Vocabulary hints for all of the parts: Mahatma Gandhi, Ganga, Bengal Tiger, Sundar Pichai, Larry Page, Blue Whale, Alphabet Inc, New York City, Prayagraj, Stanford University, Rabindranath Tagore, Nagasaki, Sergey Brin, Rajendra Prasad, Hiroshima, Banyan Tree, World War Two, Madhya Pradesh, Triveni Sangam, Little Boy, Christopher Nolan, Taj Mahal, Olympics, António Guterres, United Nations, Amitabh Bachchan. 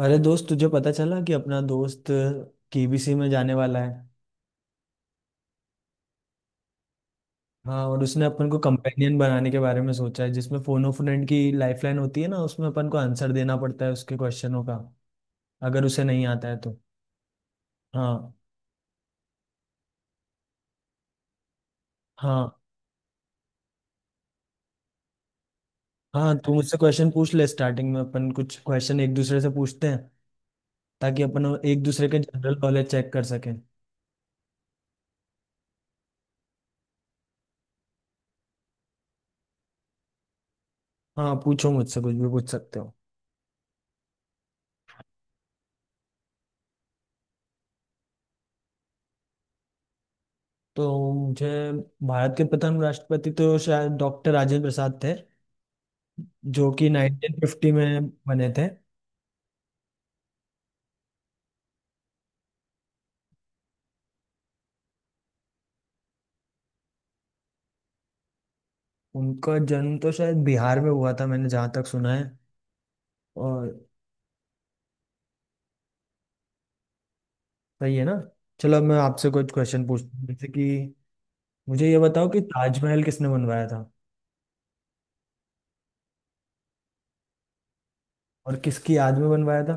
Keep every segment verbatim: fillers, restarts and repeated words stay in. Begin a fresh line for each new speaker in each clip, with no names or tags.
अरे दोस्त, तुझे पता चला कि अपना दोस्त केबीसी में जाने वाला है। हाँ, और उसने अपन को कंपेनियन बनाने के बारे में सोचा है, जिसमें फोन ऑफ फ्रेंड की लाइफलाइन होती है ना। उसमें अपन को आंसर देना पड़ता है उसके क्वेश्चनों का। अगर उसे नहीं आता है तो। हाँ हाँ। हाँ, तू मुझसे क्वेश्चन पूछ ले। स्टार्टिंग में अपन कुछ क्वेश्चन एक दूसरे से पूछते हैं, ताकि अपन एक दूसरे के जनरल नॉलेज चेक कर सकें। हाँ, पूछो, मुझसे कुछ भी पूछ सकते हो। तो मुझे भारत के प्रथम राष्ट्रपति तो शायद डॉक्टर राजेंद्र प्रसाद थे, जो कि उन्नीस सौ पचास में बने थे। उनका जन्म तो शायद बिहार में हुआ था, मैंने जहाँ तक सुना है। और सही है ना। चलो, अब मैं आपसे कुछ क्वेश्चन पूछता हूँ, जैसे कि मुझे ये बताओ कि ताजमहल किसने बनवाया था और किसकी याद में बनवाया था।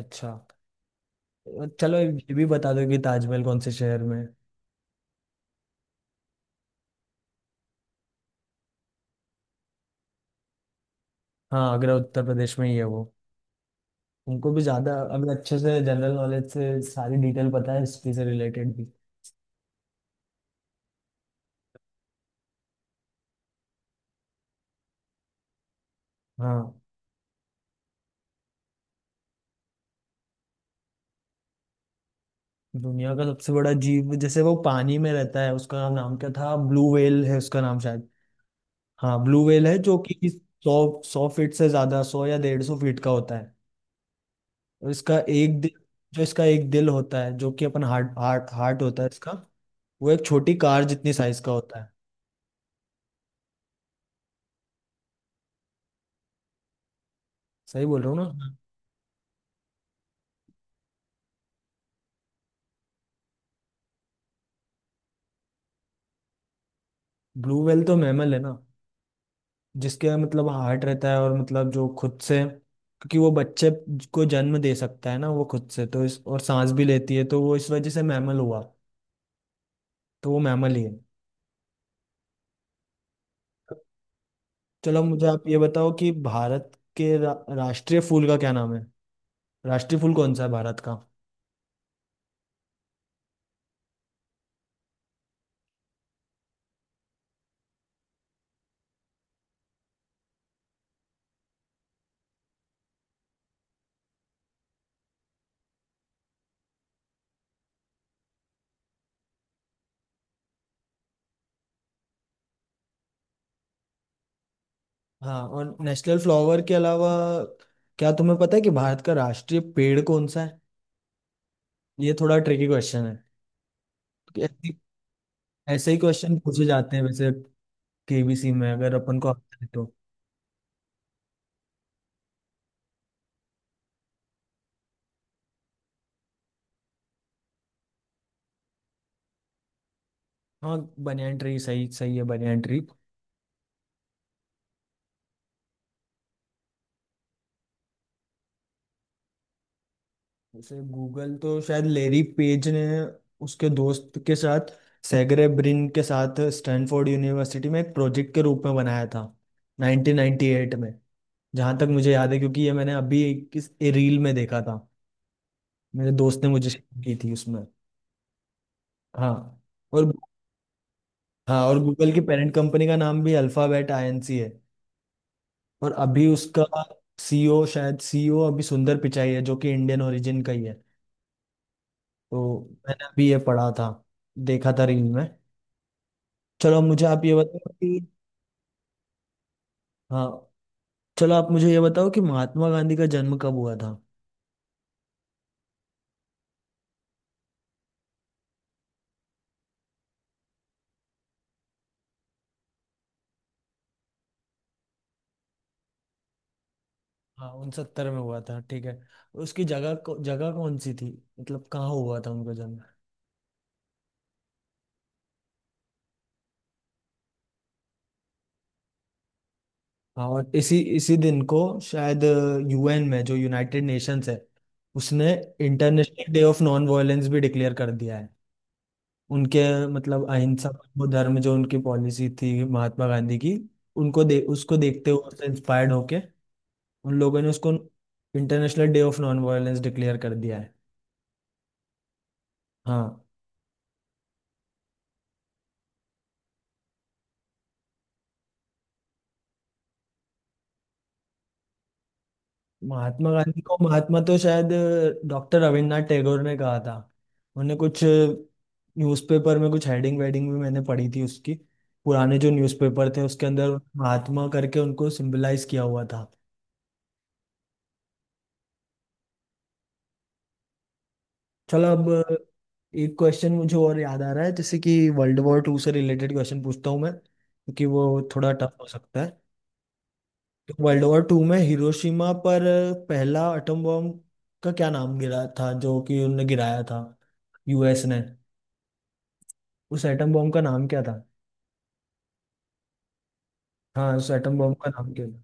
अच्छा, चलो ये भी बता दो कि ताजमहल कौन से शहर में है। हाँ, आगरा उत्तर प्रदेश में ही है वो। तुमको भी ज़्यादा अभी अच्छे से जनरल नॉलेज से सारी डिटेल पता है, हिस्ट्री से रिलेटेड भी। हाँ, दुनिया का सबसे बड़ा जीव, जैसे वो पानी में रहता है, उसका नाम क्या था? ब्लू व्हेल है उसका नाम शायद। हाँ, ब्लू व्हेल है, जो कि सौ सौ फीट से ज्यादा, सौ या डेढ़ सौ फीट का होता है। और इसका एक दिल, जो इसका एक दिल होता है, जो कि अपन हार्ट हार्ट हार्ट होता है इसका। वो एक छोटी कार जितनी साइज का होता है। सही बोल रहा हूँ ना। ब्लू व्हेल तो मैमल है ना, जिसके मतलब हार्ट रहता है, और मतलब जो खुद से, क्योंकि वो बच्चे को जन्म दे सकता है ना वो खुद से, तो इस और सांस भी लेती है, तो वो इस वजह से मैमल हुआ। तो वो मैमल ही है। चलो, मुझे आप ये बताओ कि भारत के रा, राष्ट्रीय फूल का क्या नाम है? राष्ट्रीय फूल कौन सा है भारत का? हाँ, और नेशनल फ्लावर के अलावा क्या तुम्हें पता है कि भारत का राष्ट्रीय पेड़ कौन सा है? ये थोड़ा ट्रिकी क्वेश्चन है, क्योंकि ऐसे ऐसे ही क्वेश्चन पूछे जाते हैं वैसे। केबीसी में अगर अपन को आता है तो। हाँ, बनियन ट्री सही, सही है बनियन ट्री। जैसे गूगल तो शायद लेरी पेज ने उसके दोस्त के साथ, सेगरे ब्रिन के साथ, स्टैनफोर्ड यूनिवर्सिटी में एक प्रोजेक्ट के रूप में बनाया था उन्नीस सौ अट्ठानवे में, जहाँ तक मुझे याद है, क्योंकि ये मैंने अभी एक किस रील में देखा था, मेरे दोस्त ने मुझे शेयर की थी उसमें। हाँ। और हाँ, और गूगल की पेरेंट कंपनी का नाम भी अल्फाबेट आईएनसी है। और अभी उसका सीईओ शायद, सीईओ अभी सुंदर पिचाई है, जो कि इंडियन ओरिजिन का ही है तो। मैंने अभी ये पढ़ा था, देखा था रील में। चलो, अब मुझे आप ये बताओ कि हाँ, चलो आप मुझे ये बताओ कि महात्मा गांधी का जन्म कब हुआ था। हाँ, उनसत्तर में हुआ था, ठीक है। उसकी जगह को जगह कौन सी थी? मतलब कहाँ हुआ था उनका जन्म? हाँ, और इसी इसी दिन को शायद यूएन में, जो यूनाइटेड नेशंस है, उसने international day of non violence भी डिक्लेयर कर दिया है। उनके मतलब अहिंसा, वो धर्म जो उनकी पॉलिसी थी महात्मा गांधी की, उनको दे उसको देखते हुए, उससे इंस्पायर्ड होके, उन लोगों ने उसको international day of non violence declare कर दिया है। हाँ। महात्मा गांधी को महात्मा तो शायद डॉक्टर रविन्द्रनाथ टैगोर ने कहा था। उन्हें कुछ न्यूज़पेपर में कुछ हेडिंग वेडिंग भी मैंने पढ़ी थी उसकी। पुराने जो न्यूज़पेपर थे उसके अंदर महात्मा करके उनको सिंबलाइज किया हुआ था। चलो, अब एक क्वेश्चन मुझे और याद आ रहा है, जैसे कि वर्ल्ड वॉर टू से रिलेटेड क्वेश्चन पूछता हूँ मैं, क्योंकि वो थोड़ा टफ हो सकता है। वर्ल्ड वॉर टू में हिरोशिमा पर पहला एटम बॉम्ब का क्या नाम गिरा था, जो कि उनने गिराया था, यूएस ने? उस एटम बॉम्ब का नाम क्या था? हाँ, उस एटम बॉम्ब का नाम क्या था?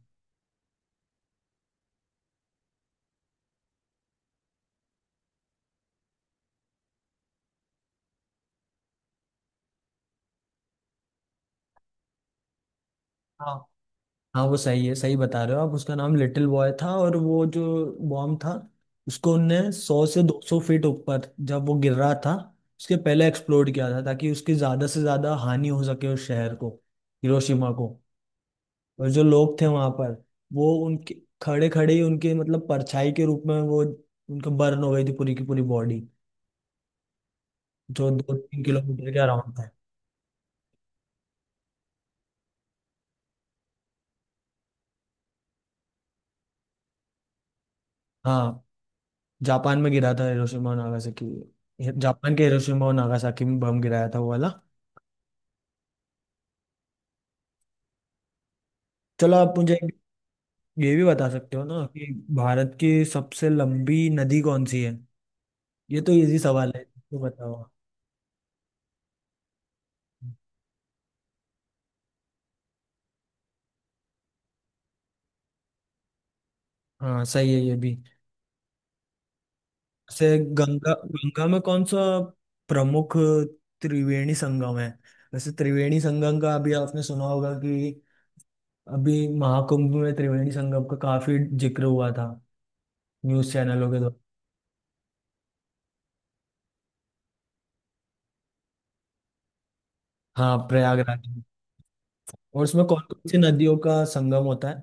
हाँ, हाँ, वो सही है, सही बता रहे हो आप। उसका नाम लिटिल बॉय था। और वो जो बॉम्ब था, उसको उनने सौ से दो सौ फीट ऊपर जब वो गिर रहा था उसके पहले एक्सप्लोड किया था, ताकि उसकी ज्यादा से ज्यादा हानि हो सके उस शहर को, हिरोशिमा को। और जो लोग थे वहां पर, वो उनके खड़े खड़े ही उनके मतलब परछाई के रूप में, वो उनका बर्न हो गई थी पूरी की पूरी बॉडी, जो दो तीन किलोमीटर के अराउंड था। हाँ, जापान में गिरा था, हिरोशिमा और नागासाकी, जापान के हिरोशिमा और नागासाकी में बम गिराया था वो वाला। चलो, आप मुझे ये भी बता सकते हो ना कि भारत की सबसे लंबी नदी कौन सी है? ये तो इजी सवाल है, तो बताओ। हाँ, सही है ये भी। से गंगा गंगा में कौन सा प्रमुख त्रिवेणी संगम है? वैसे त्रिवेणी संगम का अभी आपने सुना होगा कि अभी महाकुंभ में त्रिवेणी संगम का काफी जिक्र हुआ था न्यूज चैनलों के द्वारा। हाँ, प्रयागराज में। और उसमें कौन कौन सी नदियों का संगम होता है?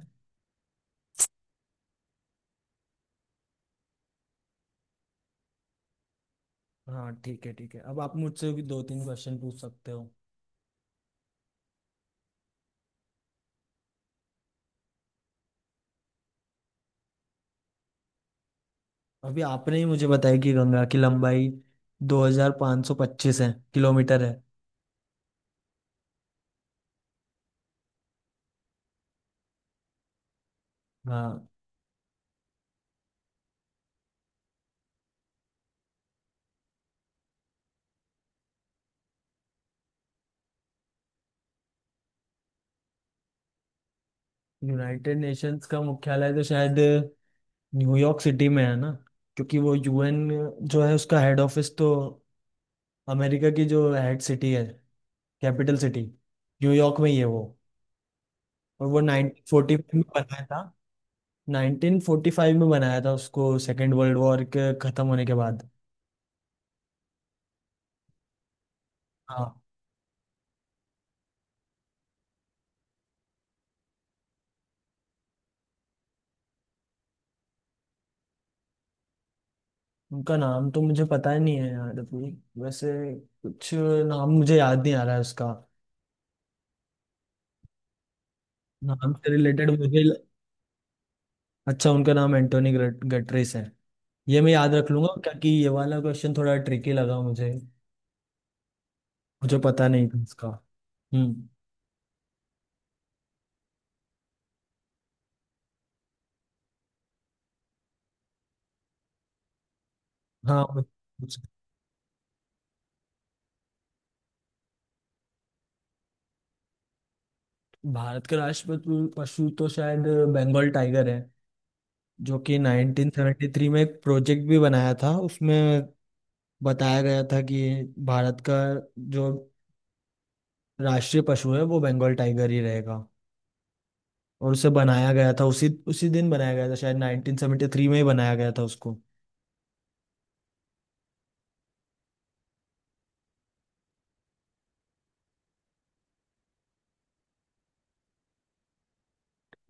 हाँ, ठीक है, ठीक है, अब आप मुझसे भी दो तीन क्वेश्चन पूछ सकते हो। अभी आपने ही मुझे बताया कि गंगा की लंबाई दो हज़ार पाँच सौ पच्चीस है, किलोमीटर है। हाँ। यूनाइटेड नेशंस का मुख्यालय तो शायद न्यूयॉर्क सिटी में है ना, क्योंकि वो यूएन जो है उसका हेड ऑफिस तो अमेरिका की जो हेड सिटी है, कैपिटल सिटी, न्यूयॉर्क में ही है वो। और वो उन्नीस सौ पैंतालीस में बनाया था। उन्नीस सौ पैंतालीस में बनाया था उसको, सेकेंड वर्ल्ड वॉर के खत्म होने के बाद। हाँ। उनका नाम तो मुझे पता ही नहीं है यार अभी। वैसे कुछ नाम मुझे याद नहीं आ रहा है उसका, नाम से रिलेटेड मुझे। अच्छा, उनका नाम एंटोनी गटरेस है। ये मैं याद रख लूंगा, क्योंकि ये वाला क्वेश्चन थोड़ा ट्रिकी लगा मुझे। मुझे पता नहीं था इसका। हम्म। हाँ, वो- उस- भारत के राष्ट्रीय पशु तो शायद बंगाल टाइगर है, जो कि उन्नीस सौ तिहत्तर में एक प्रोजेक्ट भी बनाया था उसमें। बताया गया था कि भारत का जो राष्ट्रीय पशु है वो बंगाल टाइगर ही रहेगा। और उसे बनाया गया था उसी उसी दिन, बनाया गया था शायद उन्नीस सौ तिहत्तर में ही बनाया गया था उसको।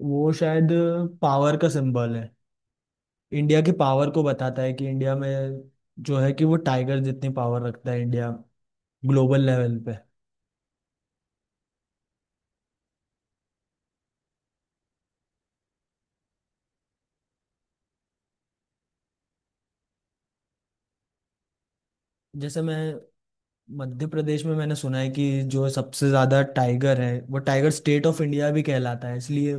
वो शायद पावर का सिंबल है। इंडिया की पावर को बताता है कि इंडिया में, जो है कि वो टाइगर जितनी पावर रखता है इंडिया ग्लोबल लेवल पे। जैसे मैं, मध्य प्रदेश में मैंने सुना है कि जो सबसे ज्यादा टाइगर है, वो टाइगर स्टेट ऑफ इंडिया भी कहलाता है, इसलिए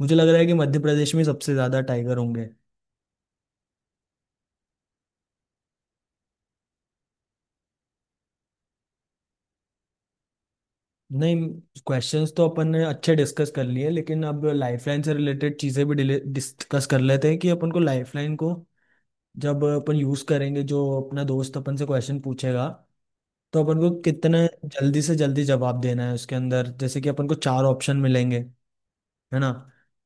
मुझे लग रहा है कि मध्य प्रदेश में सबसे ज्यादा टाइगर होंगे। नहीं, क्वेश्चंस तो अपन ने अच्छे डिस्कस कर लिए, लेकिन अब लाइफलाइन से रिलेटेड चीज़ें भी डिस्कस कर लेते हैं, कि अपन को लाइफलाइन को जब अपन यूज़ करेंगे, जो अपना दोस्त अपन से क्वेश्चन पूछेगा, तो अपन को कितने जल्दी से जल्दी जवाब देना है उसके अंदर, जैसे कि अपन को चार ऑप्शन मिलेंगे, है ना।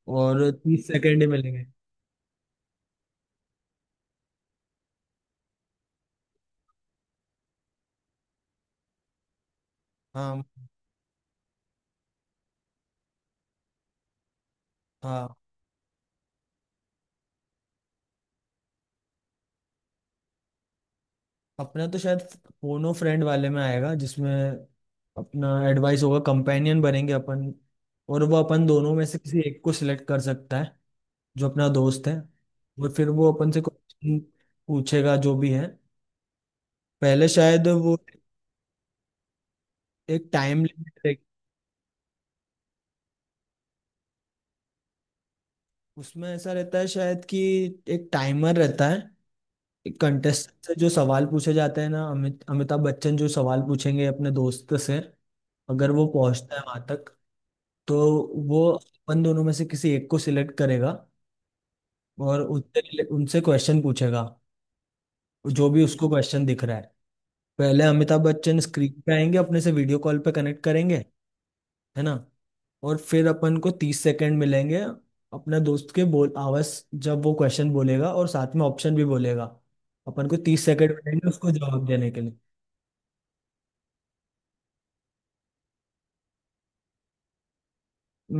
और तीस सेकेंड ही मिलेंगे। हाँ, हाँ। अपना तो शायद फोनो फ्रेंड वाले में आएगा, जिसमें अपना एडवाइस होगा, कंपेनियन बनेंगे अपन। और वो अपन दोनों में से किसी एक को सिलेक्ट कर सकता है, जो अपना दोस्त है। और फिर वो अपन से क्वेश्चन पूछेगा, जो भी है। पहले शायद वो एक टाइम लिमिट, उसमें ऐसा रहता है शायद कि एक टाइमर रहता है। कंटेस्ट से जो सवाल पूछे जाते हैं ना, अमित अमिताभ बच्चन जो सवाल पूछेंगे अपने दोस्त से, अगर वो पहुंचता है वहां तक, तो वो अपन दोनों में से किसी एक को सिलेक्ट करेगा और उनसे उनसे क्वेश्चन पूछेगा, जो भी उसको क्वेश्चन दिख रहा है। पहले अमिताभ बच्चन स्क्रीन पे आएंगे, अपने से वीडियो कॉल पे कनेक्ट करेंगे, है ना, और फिर अपन को तीस सेकंड मिलेंगे। अपने दोस्त के बोल आवाज, जब वो क्वेश्चन बोलेगा और साथ में ऑप्शन भी बोलेगा, अपन को तीस सेकंड मिलेंगे उसको जवाब देने के लिए।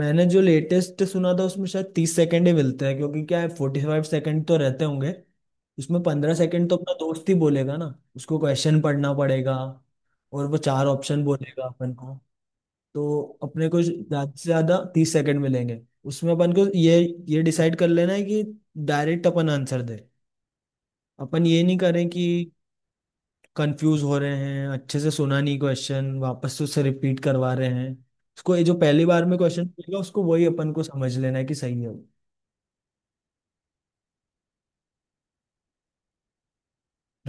मैंने जो लेटेस्ट सुना था उसमें शायद तीस सेकंड ही मिलते हैं, क्योंकि क्या है फोर्टी फाइव सेकंड तो रहते होंगे, उसमें पंद्रह सेकंड तो अपना दोस्त ही बोलेगा ना, उसको क्वेश्चन पढ़ना पड़ेगा, और वो चार ऑप्शन बोलेगा अपन को। तो अपने को ज्यादा से ज्यादा तीस सेकंड मिलेंगे। उसमें अपन को ये ये डिसाइड कर लेना है कि डायरेक्ट अपन आंसर दे। अपन ये नहीं करें कि कंफ्यूज हो रहे हैं, अच्छे से सुना नहीं क्वेश्चन, वापस से उससे रिपीट करवा रहे हैं उसको। ये जो पहली बार में क्वेश्चन मिलेगा, उसको वही अपन को समझ लेना है कि सही है वो।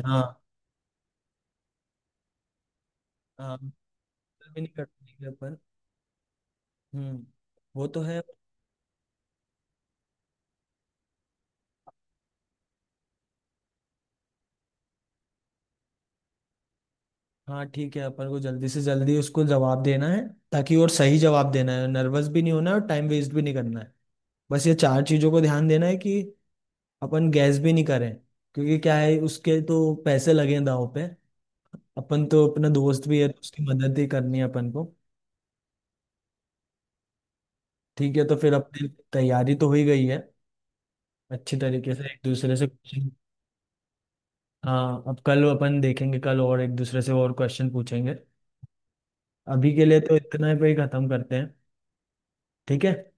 हाँ, हाँ, बिल्कुल भी नहीं कर पाएंगे अपन। हम्म, वो तो है। हाँ, ठीक है, अपन को जल्दी से जल्दी उसको जवाब देना है, ताकि और सही जवाब देना है, नर्वस भी नहीं होना है और टाइम वेस्ट भी नहीं करना है। बस ये चार चीज़ों को ध्यान देना है, कि अपन गैस भी नहीं करें, क्योंकि क्या है, उसके तो पैसे लगे हैं दाव पे। अपन तो अपना दोस्त भी है, तो उसकी मदद ही करनी है अपन को। ठीक है, तो फिर अपनी तैयारी तो हो ही गई है अच्छी तरीके से, एक दूसरे से क्वेश्चन। हाँ, अब कल अपन देखेंगे, कल और एक दूसरे से और क्वेश्चन पूछेंगे। अभी के लिए तो इतना पे ही खत्म करते हैं। ठीक है।